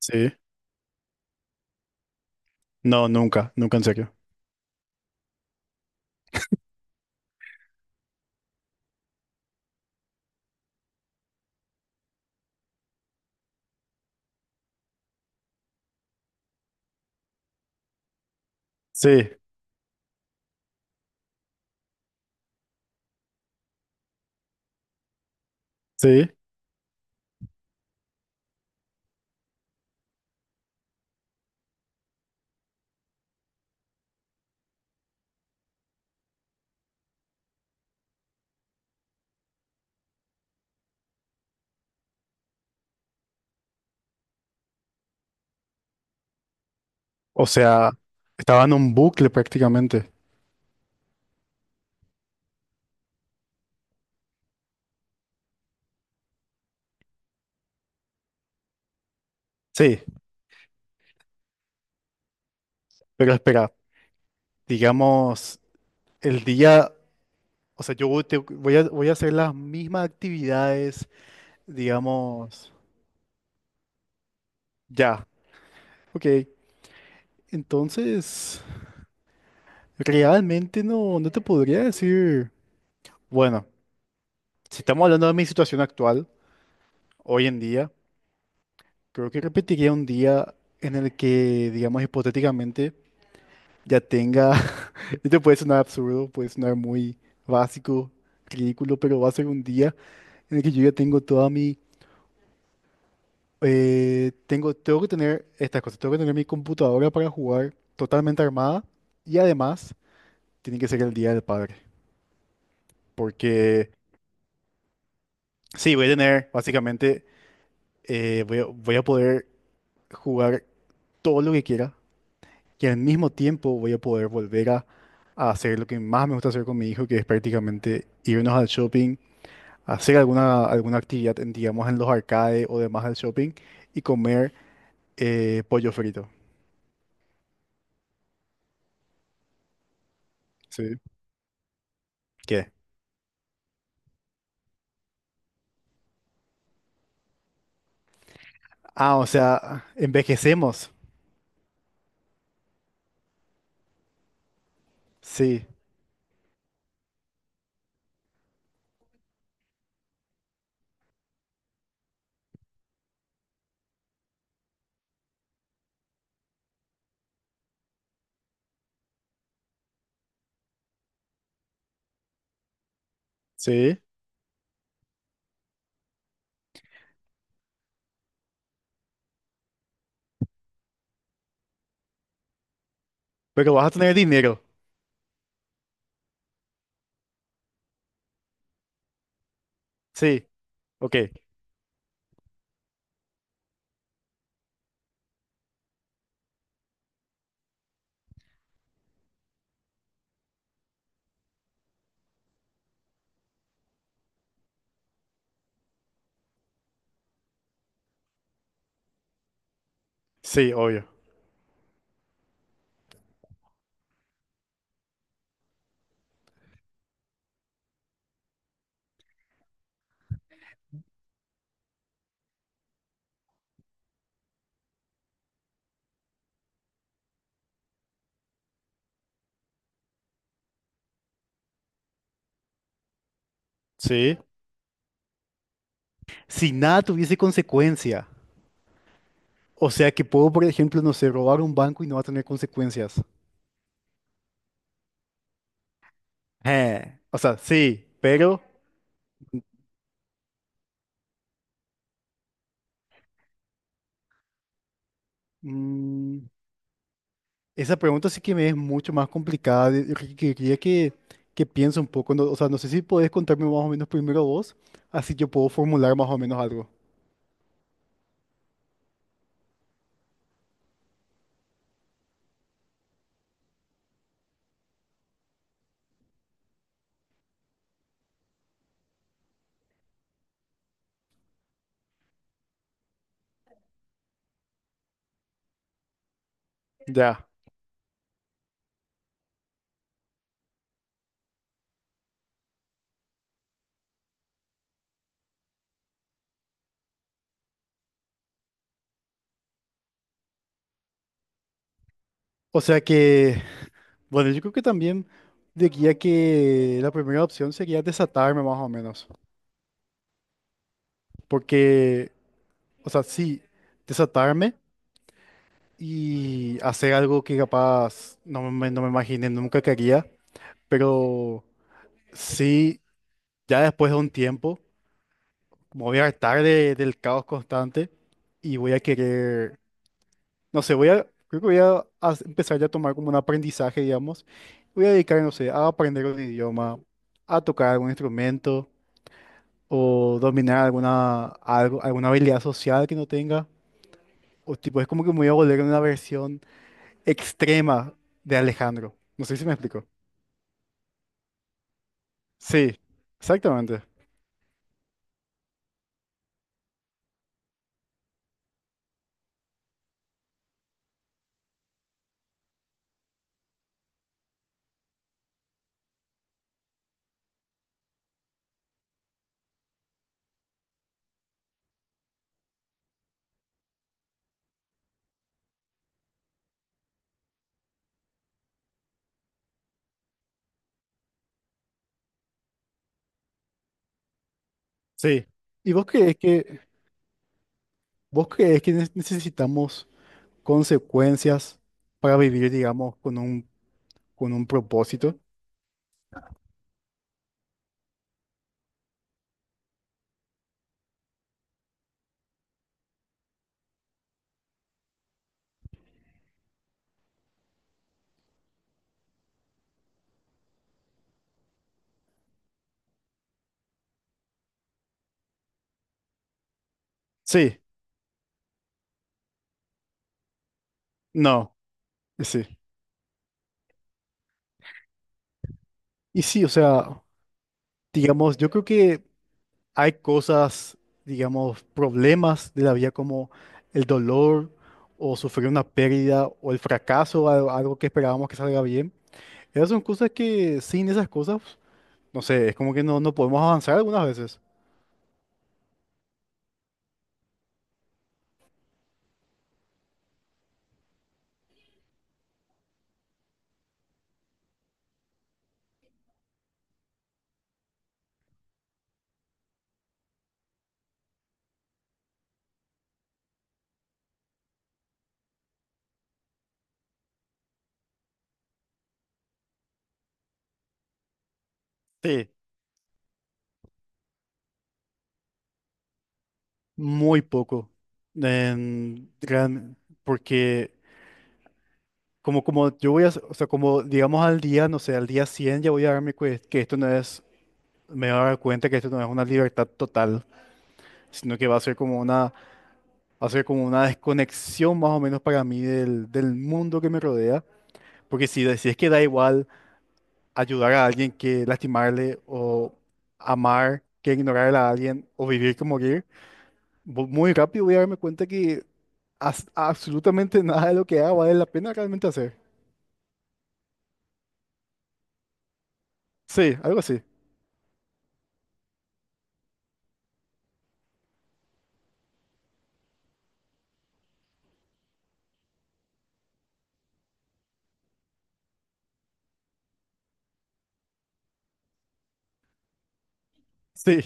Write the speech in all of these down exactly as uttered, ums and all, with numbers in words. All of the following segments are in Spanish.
Sí, no, nunca, nunca en serio. Sí, sí. O sea, estaba en un bucle prácticamente. Sí, pero espera, digamos, el día, o sea, yo voy te- voy a, voy a hacer las mismas actividades, digamos, ya. Ok, entonces, realmente no, no te podría decir. Bueno, si estamos hablando de mi situación actual, hoy en día, creo que repetiría un día en el que, digamos, hipotéticamente ya tenga, esto puede sonar absurdo, puede sonar muy básico, ridículo, pero va a ser un día en el que yo ya tengo toda mi, eh, tengo, tengo que tener estas cosas, tengo que tener mi computadora para jugar totalmente armada, y además tiene que ser el Día del Padre, porque sí, voy a tener, básicamente, eh, voy a, voy a poder jugar todo lo que quiera, y al mismo tiempo voy a poder volver a, a hacer lo que más me gusta hacer con mi hijo, que es prácticamente irnos al shopping, hacer alguna, alguna actividad en, digamos, en los arcades o demás del shopping, y comer eh, pollo frito. Sí. ¿Qué? Ah, o sea, envejecemos. Sí, sí. Pero vas a tener dinero. Sí, ok. Sí, obvio. Sí. Si nada tuviese consecuencia. O sea que puedo, por ejemplo, no sé, robar un banco y no va a tener consecuencias. Eh, O sea, sí, pero... mm, esa pregunta sí que me es mucho más complicada. de- de- que- Quería que, que piense un poco. No- o sea, no sé si podés contarme más o menos primero vos, así yo puedo formular más o menos algo. Ya. O sea que, bueno, yo creo que también diría que la primera opción sería desatarme más o menos. Porque, o sea, sí, desatarme y hacer algo que capaz no me, no me imaginé, nunca quería, pero sí, ya después de un tiempo me voy a hartar de- del caos constante y voy a querer, no sé, voy a, creo que voy a, as- empezar ya a tomar como un aprendizaje, digamos. Voy a dedicar, no sé, a aprender un idioma, a tocar algún instrumento o dominar alguna, algo, alguna habilidad social que no tenga. O tipo, es como que me voy a volver una versión extrema de Alejandro. No sé si me explico. Sí, exactamente. Sí. ¿Y vos crees que, vos crees que ne- necesitamos consecuencias para vivir, digamos, con un, con un propósito? Sí, no, sí. Y sí, o sea, digamos, yo creo que hay cosas, digamos, problemas de la vida como el dolor o sufrir una pérdida o el fracaso, al- algo que esperábamos que salga bien. Esas son cosas que sin esas cosas, no sé, es como que no, no podemos avanzar algunas veces. Sí, muy poco. En gran, porque como, como yo voy a, o sea, como digamos al día, no sé, al día cien ya voy a darme cue- que esto no es, me voy a dar cuenta que esto no es una libertad total, sino que va a ser como una, va a ser como una desconexión más o menos para mí del, del mundo que me rodea, porque si, de- si es que da igual ayudar a alguien que lastimarle o amar que ignorar a alguien o vivir que morir, vo- muy rápido voy a darme cuenta que as- absolutamente nada de lo que haga vale la pena realmente hacer. Sí, algo así. Sí.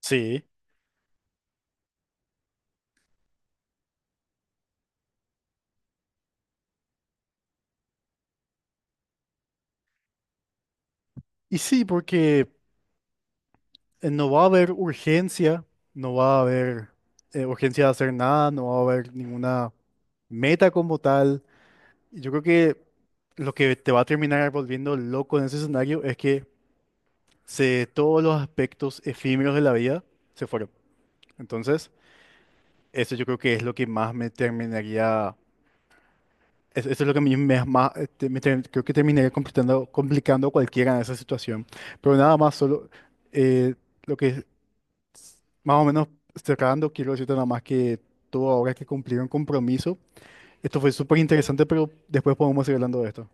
Sí. Y sí, porque eh, no va a haber urgencia, no va a haber eh, urgencia de hacer nada, no va a haber ninguna meta como tal. Y yo creo que lo que te va a terminar volviendo loco en ese escenario es que se, todos los aspectos efímeros de la vida se fueron. Entonces, eso yo creo que es lo que más me terminaría, es- eso es lo que a mí me, más, este, me ter- creo que terminaría complicando, complicando a cualquiera en esa situación. Pero nada más, solo eh, lo que más o menos cerrando, quiero decirte nada más que tú ahora que cumplir un compromiso, esto fue súper interesante, pero después podemos seguir hablando de esto.